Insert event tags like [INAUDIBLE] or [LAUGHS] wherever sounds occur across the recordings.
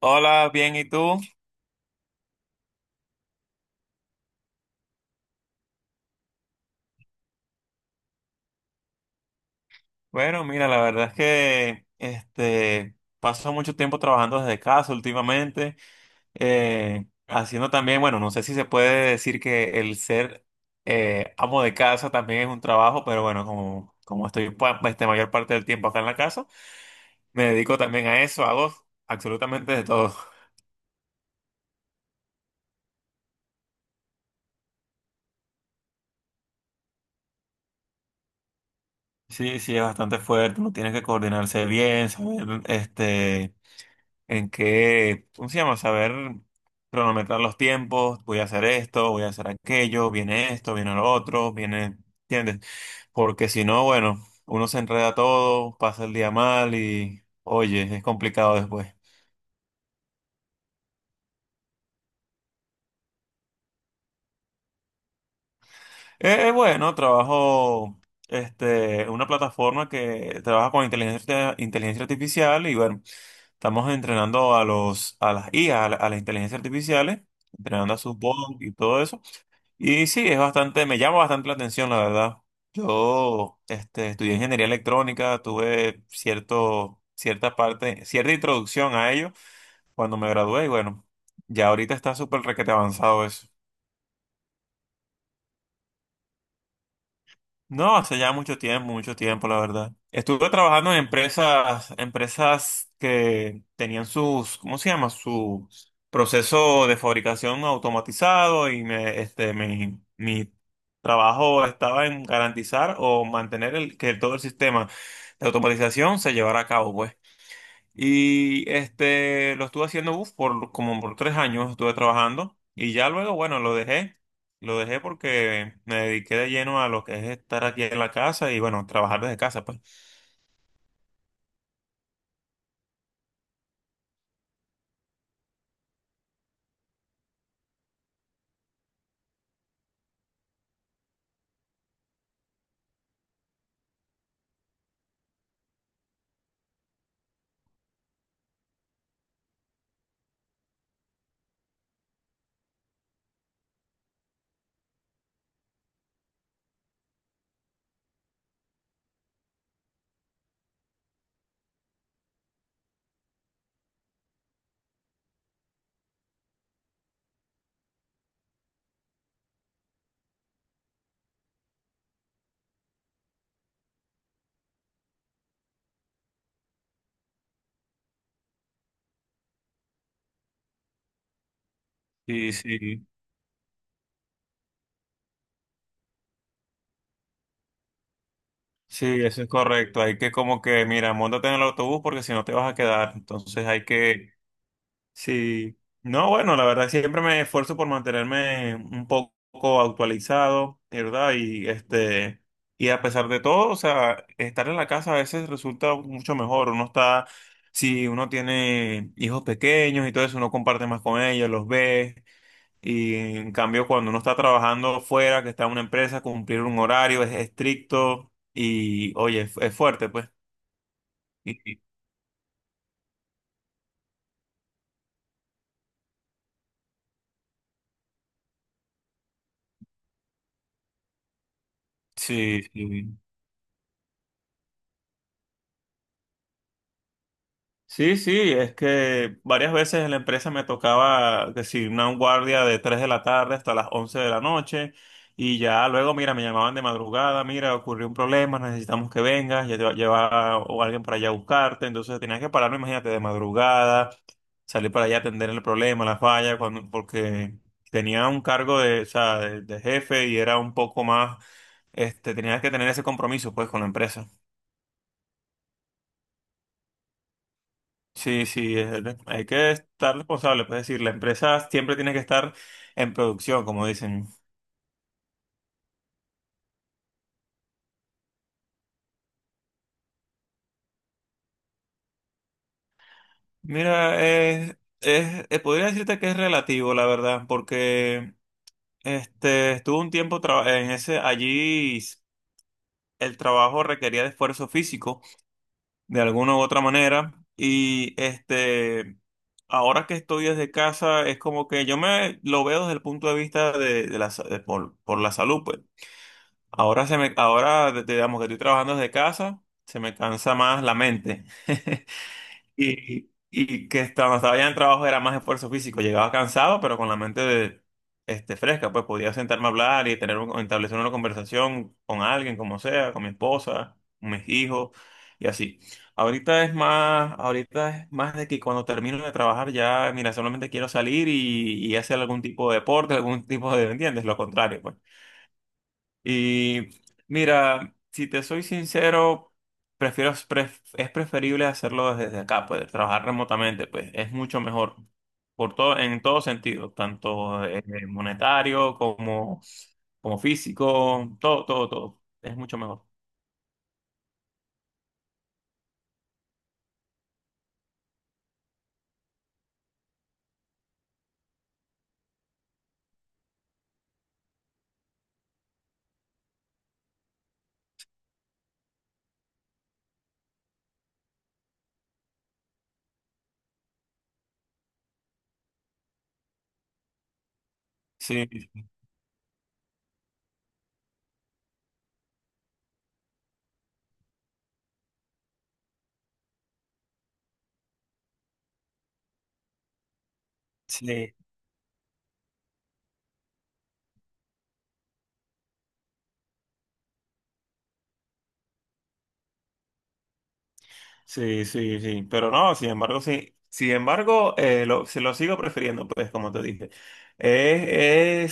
Hola, bien, ¿y tú? Bueno, mira, la verdad es que paso mucho tiempo trabajando desde casa últimamente, haciendo también, bueno, no sé si se puede decir que el ser amo de casa también es un trabajo, pero bueno, como estoy mayor parte del tiempo acá en la casa, me dedico también a eso, hago absolutamente de todo. Sí, sí, es bastante fuerte, uno tiene que coordinarse bien, saber, en que, ¿cómo se llama? Saber cronometrar los tiempos, voy a hacer esto, voy a hacer aquello, viene esto, viene lo otro, ¿entiendes? Porque si no, bueno, uno se enreda todo, pasa el día mal y, oye, es complicado después. Bueno, trabajo en una plataforma que trabaja con inteligencia artificial y bueno, estamos entrenando a a las IA, a las inteligencias artificiales, entrenando a sus bots y todo eso. Y sí, es bastante, me llama bastante la atención, la verdad. Yo, estudié ingeniería electrónica, tuve cierta parte, cierta introducción a ello cuando me gradué y bueno, ya ahorita está súper requete avanzado eso. No, hace ya mucho tiempo, la verdad. Estuve trabajando en empresas que tenían sus, ¿cómo se llama? Su proceso de fabricación automatizado y mi trabajo estaba en garantizar o mantener que todo el sistema de automatización se llevara a cabo, pues. Y este, lo estuve haciendo uf, por 3 años, estuve trabajando y ya luego, bueno, lo dejé. Lo dejé porque me dediqué de lleno a lo que es estar aquí en la casa y bueno, trabajar desde casa, pues. Sí, sí, sí, eso es correcto. Hay que como que, mira, móntate en el autobús porque si no te vas a quedar. Entonces hay que... Sí, no, bueno, la verdad siempre me esfuerzo por mantenerme un poco actualizado, ¿verdad? Y este, y a pesar de todo, o sea, estar en la casa a veces resulta mucho mejor. Uno está, si uno tiene hijos pequeños y todo eso, uno comparte más con ellos, los ve. Y en cambio, cuando uno está trabajando fuera, que está en una empresa, cumplir un horario es estricto y, oye, es fuerte, pues. Y- y- sí, sí. Sí, sí, es que varias veces en la empresa me tocaba que si una guardia de 3 de la tarde hasta las 11 de la noche y ya luego, mira, me llamaban de madrugada, mira, ocurrió un problema, necesitamos que vengas, ya te va a llevar o alguien para allá a buscarte, entonces tenía que pararme, imagínate, de madrugada, salir para allá a atender el problema, la falla, cuando, porque tenía un cargo de, o sea, de jefe y era un poco más, tenía que tener ese compromiso pues con la empresa. Sí, sí, hay que estar responsable, pues, es decir, la empresa siempre tiene que estar en producción, como dicen. Mira, podría decirte que es relativo, la verdad, porque estuve un tiempo traba- en ese, allí s- el trabajo requería de esfuerzo físico, de alguna u otra manera, y este, ahora que estoy desde casa, es como que yo me lo veo desde el punto de vista de, de por la salud, pues. Ahora se me, ahora de- digamos que estoy trabajando desde casa, se me cansa más la mente. [LAUGHS] Y, y que cuando estaba ya en trabajo era más esfuerzo físico. Llegaba cansado, pero con la mente de, fresca, pues podía sentarme a hablar y tener establecer una conversación con alguien, como sea, con mi esposa, con mis hijos, y así. Ahorita es más de que cuando termino de trabajar ya, mira, solamente quiero salir y hacer algún tipo de deporte, algún tipo de, ¿entiendes? Lo contrario, pues. Y mira, si te soy sincero, es preferible hacerlo desde acá, pues trabajar remotamente, pues es mucho mejor por todo, en todo sentido, tanto monetario como, como físico, todo, todo, todo. Es mucho mejor. Sí, sí. Sí, sí, sí, pero no, sin embargo, sí. Sin embargo, se lo sigo prefiriendo, pues, como te dije. Es,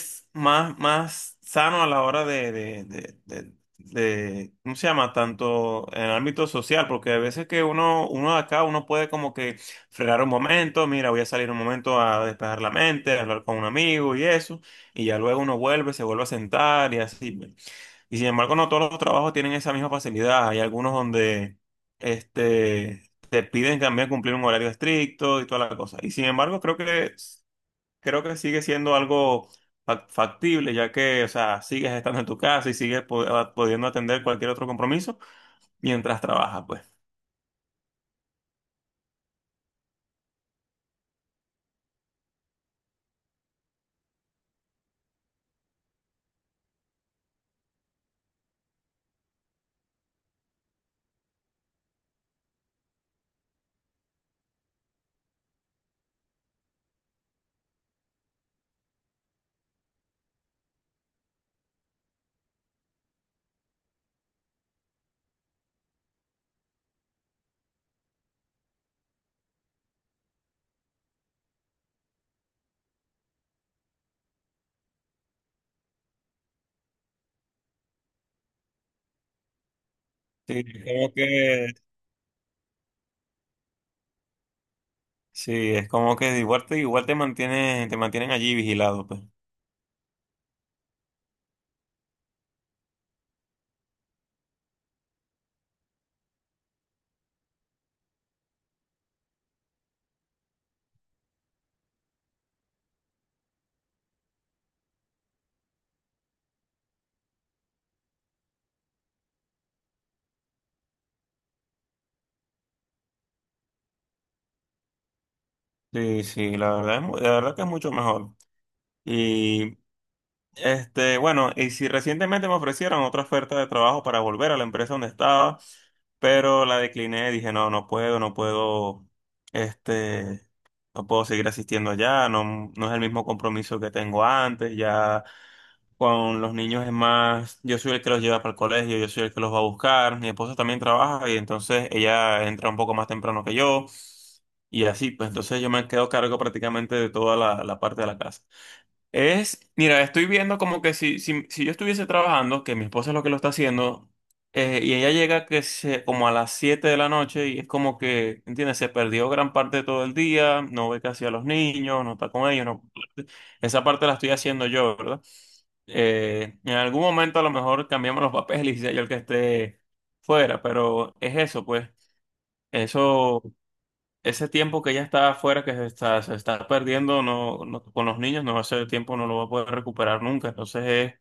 es más, más sano a la hora ¿cómo se llama? Tanto en el ámbito social, porque a veces que uno de acá, uno puede como que frenar un momento, mira, voy a salir un momento a despejar la mente, a hablar con un amigo y eso, y ya luego uno vuelve, se vuelve a sentar y así. Pues. Y sin embargo, no todos los trabajos tienen esa misma facilidad. Hay algunos donde este, te piden también cumplir un horario estricto y toda la cosa. Y sin embargo, creo que sigue siendo algo factible, ya que, o sea, sigues estando en tu casa y sigues pudiendo atender cualquier otro compromiso mientras trabajas, pues. Sí, es como que, sí, es como que igual te mantienen allí vigilado, pues. Sí, sí, la verdad que es mucho mejor. Este, bueno, y si recientemente me ofrecieron otra oferta de trabajo para volver a la empresa donde estaba, pero la decliné, dije, no, no puedo, no puedo, este, no puedo seguir asistiendo allá, no, no es el mismo compromiso que tengo antes, ya con los niños es más, yo soy el que los lleva para el colegio, yo soy el que los va a buscar, mi esposa también trabaja y entonces ella entra un poco más temprano que yo y así, pues entonces yo me quedo a cargo prácticamente de toda la parte de la casa. Es, mira, estoy viendo como que si yo estuviese trabajando, que mi esposa es lo que lo está haciendo, y ella llega que se, como a las 7 de la noche y es como que, ¿entiendes? Se perdió gran parte de todo el día, no ve casi a los niños, no está con ellos, no... Esa parte la estoy haciendo yo, ¿verdad? En algún momento a lo mejor cambiamos los papeles y sea yo el que esté fuera, pero es eso, pues, eso... ese tiempo que ella está afuera, que se está perdiendo no, no- con los niños, no, ese tiempo no lo va a poder recuperar nunca. Entonces,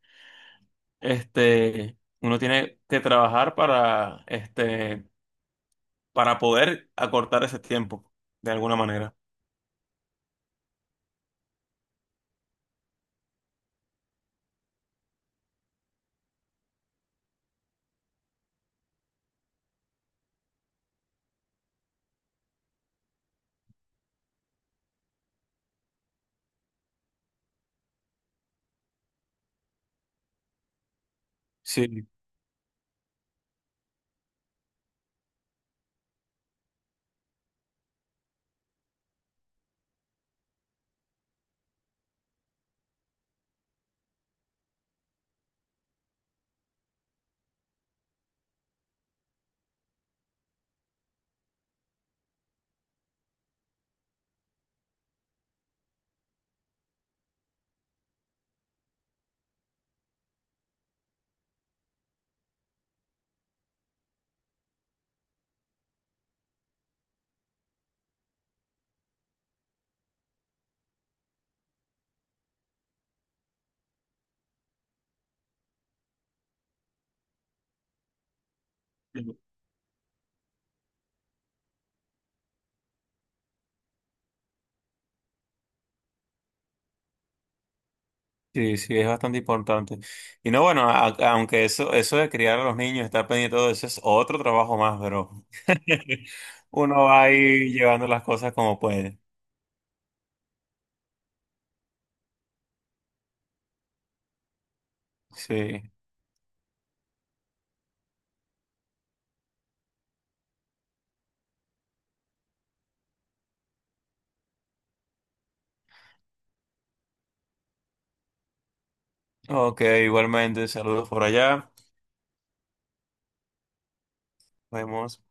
uno tiene que trabajar para, este, para poder acortar ese tiempo, de alguna manera. Sí, sí, sí, es bastante importante. Y no, bueno, aunque eso de criar a los niños, estar pendiente de todo eso es otro trabajo más, pero [LAUGHS] uno va ahí llevando las cosas como puede. Sí. Ok, igualmente, saludos por allá. Nos vemos.